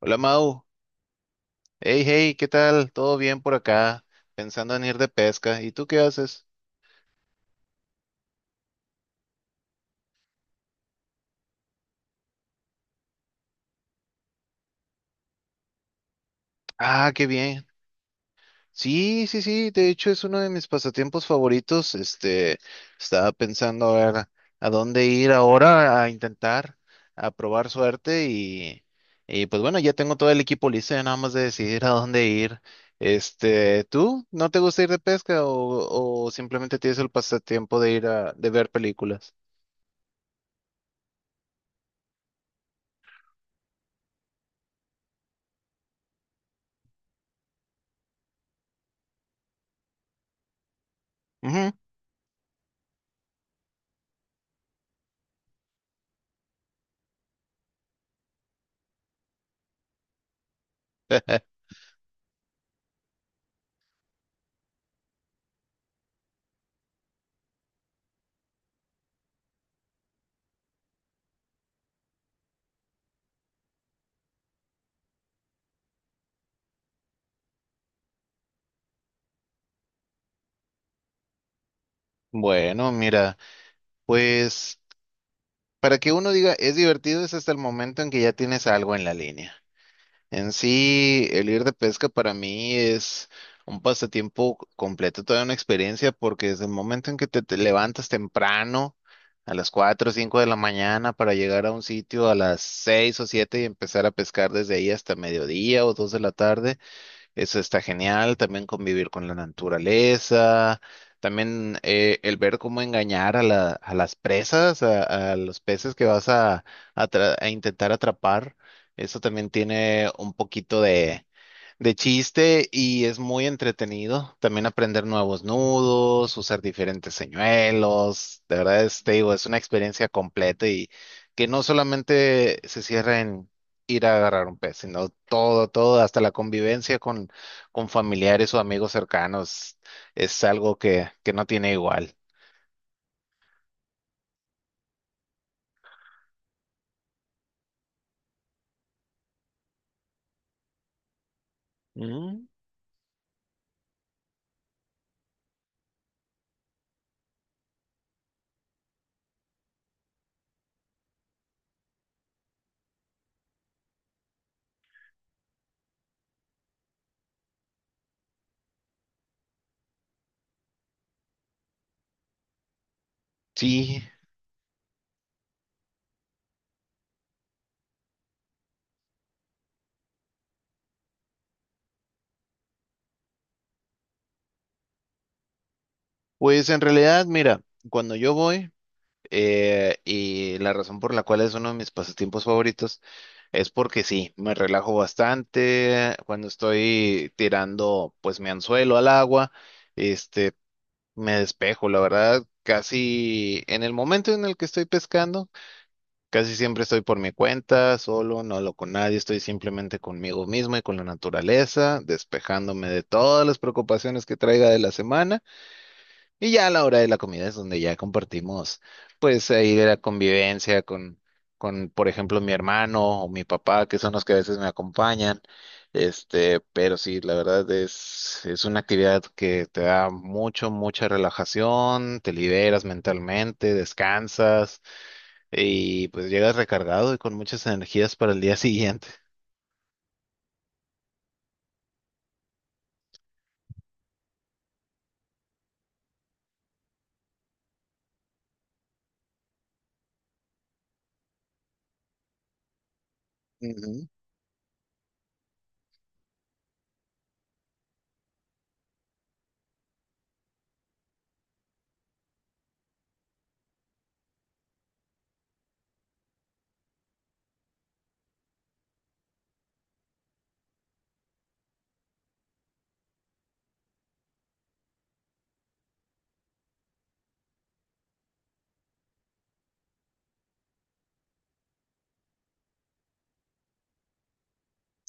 Hola Mau, hey hey, ¿qué tal? ¿Todo bien por acá? Pensando en ir de pesca. ¿Y tú qué haces? Ah, qué bien. Sí, sí, sí, de hecho es uno de mis pasatiempos favoritos. Estaba pensando a ver a dónde ir ahora a intentar, a probar suerte y pues bueno, ya tengo todo el equipo listo, ya nada más de decidir a dónde ir. ¿Tú no te gusta ir de pesca o simplemente tienes el pasatiempo de ir de ver películas? Ujú. Bueno, mira. Pues para que uno diga es divertido es hasta el momento en que ya tienes algo en la línea. En sí, el ir de pesca para mí es un pasatiempo completo, toda una experiencia, porque desde el momento en que te levantas temprano, a las 4 o 5 de la mañana, para llegar a un sitio a las 6 o 7 y empezar a pescar desde ahí hasta mediodía o 2 de la tarde, eso está genial, también convivir con la naturaleza, también el ver cómo engañar a las presas, a los peces que vas a intentar atrapar. Eso también tiene un poquito de chiste y es muy entretenido. También aprender nuevos nudos, usar diferentes señuelos. De verdad, te digo, es una experiencia completa y que no solamente se cierra en ir a agarrar un pez, sino todo, todo, hasta la convivencia con, familiares o amigos cercanos es algo que no tiene igual. Mm, sí, pues en realidad, mira, cuando yo voy, y la razón por la cual es uno de mis pasatiempos favoritos es porque sí, me relajo bastante cuando estoy tirando pues mi anzuelo al agua. Este, me despejo, la verdad, casi en el momento en el que estoy pescando, casi siempre estoy por mi cuenta, solo, no hablo con nadie, estoy simplemente conmigo mismo y con la naturaleza, despejándome de todas las preocupaciones que traiga de la semana. Y ya a la hora de la comida es donde ya compartimos, pues ahí de la convivencia con, por ejemplo, mi hermano o mi papá, que son los que a veces me acompañan. Pero sí, la verdad es una actividad que te da mucho, mucha relajación, te liberas mentalmente, descansas y pues llegas recargado y con muchas energías para el día siguiente. Ujú.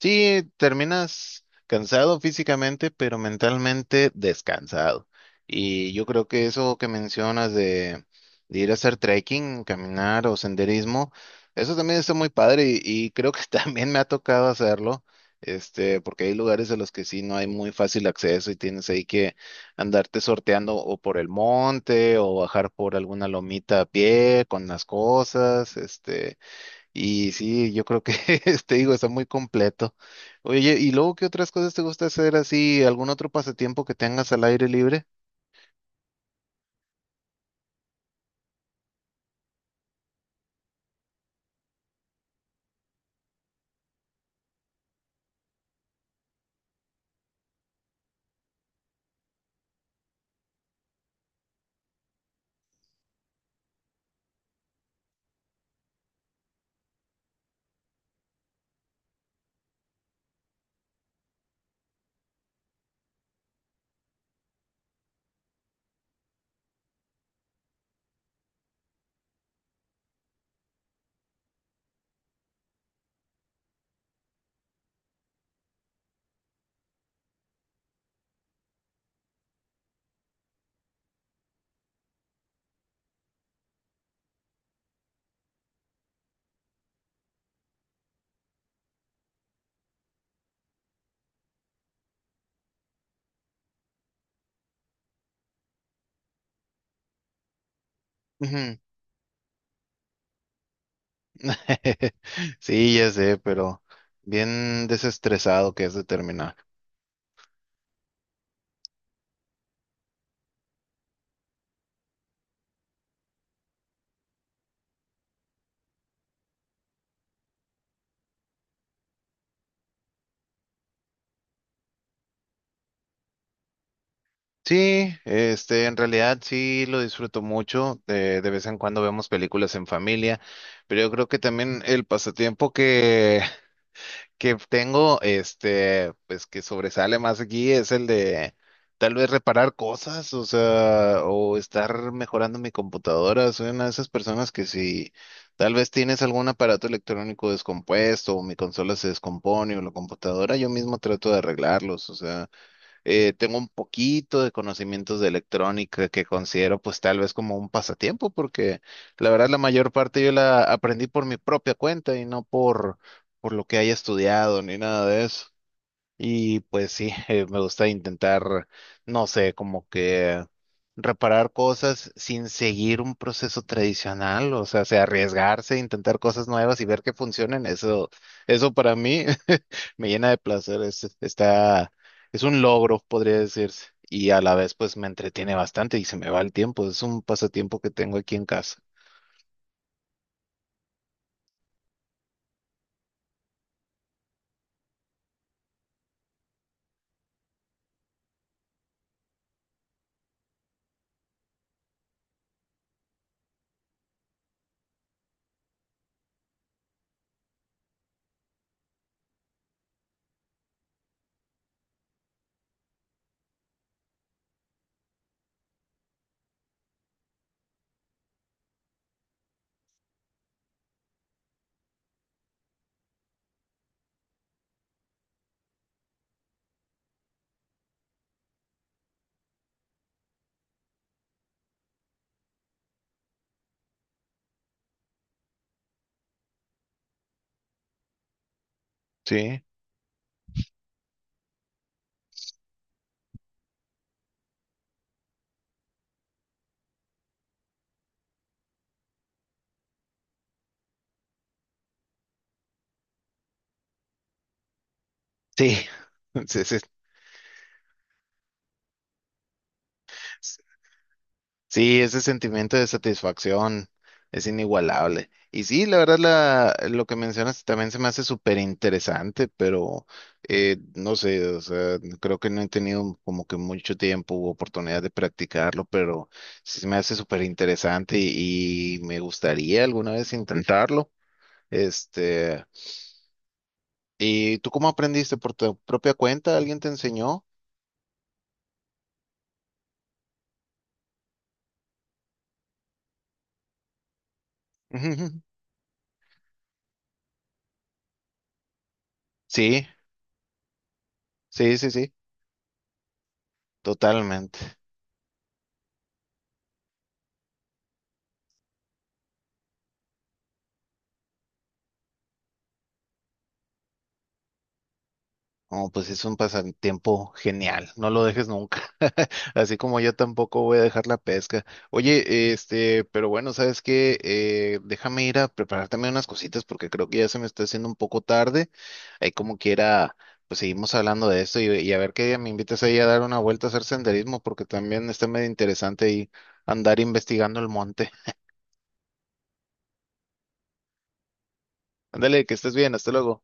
Sí, terminas cansado físicamente, pero mentalmente descansado. Y yo creo que eso que mencionas de ir a hacer trekking, caminar o senderismo, eso también está muy padre y creo que también me ha tocado hacerlo, porque hay lugares a los que sí no hay muy fácil acceso y tienes ahí que andarte sorteando o por el monte o bajar por alguna lomita a pie con las cosas. Y sí, yo creo que, te digo, está muy completo. Oye, ¿y luego qué otras cosas te gusta hacer así? ¿Algún otro pasatiempo que tengas al aire libre? Ujú. Sí, ya sé, pero bien desestresado que es de terminar. Sí, en realidad sí lo disfruto mucho. De vez en cuando vemos películas en familia, pero yo creo que también el pasatiempo que tengo, pues que sobresale más aquí es el de tal vez reparar cosas, o sea, o estar mejorando mi computadora. Soy una de esas personas que si tal vez tienes algún aparato electrónico descompuesto o mi consola se descompone o la computadora, yo mismo trato de arreglarlos, o sea. Tengo un poquito de conocimientos de electrónica que considero pues tal vez como un pasatiempo, porque la verdad la mayor parte yo la aprendí por mi propia cuenta y no por lo que haya estudiado ni nada de eso. Y pues sí, me gusta intentar, no sé, como que reparar cosas sin seguir un proceso tradicional, o sea, se arriesgarse, intentar cosas nuevas y ver que funcionen, eso para mí me llena de placer, es un logro, podría decirse, y a la vez pues me entretiene bastante y se me va el tiempo, es un pasatiempo que tengo aquí en casa. Sí, sí, sí, sí. Sí, ese sentimiento de satisfacción es inigualable. Y sí, la verdad, lo que mencionas también se me hace súper interesante, pero no sé, o sea, creo que no he tenido como que mucho tiempo u oportunidad de practicarlo, pero sí se me hace súper interesante y me gustaría alguna vez intentarlo. Este, ¿Y tú cómo aprendiste? ¿Por tu propia cuenta? ¿Alguien te enseñó? Sí, sí, sí, sí, totalmente. Oh, pues es un pasatiempo genial, no lo dejes nunca. Así como yo tampoco voy a dejar la pesca. Oye, pero bueno, ¿sabes qué? Déjame ir a preparar también unas cositas porque creo que ya se me está haciendo un poco tarde. Ahí como quiera, pues seguimos hablando de esto y a ver qué día me invitas ahí a dar una vuelta a hacer senderismo porque también está medio interesante ahí andar investigando el monte. Ándale, que estés bien, hasta luego.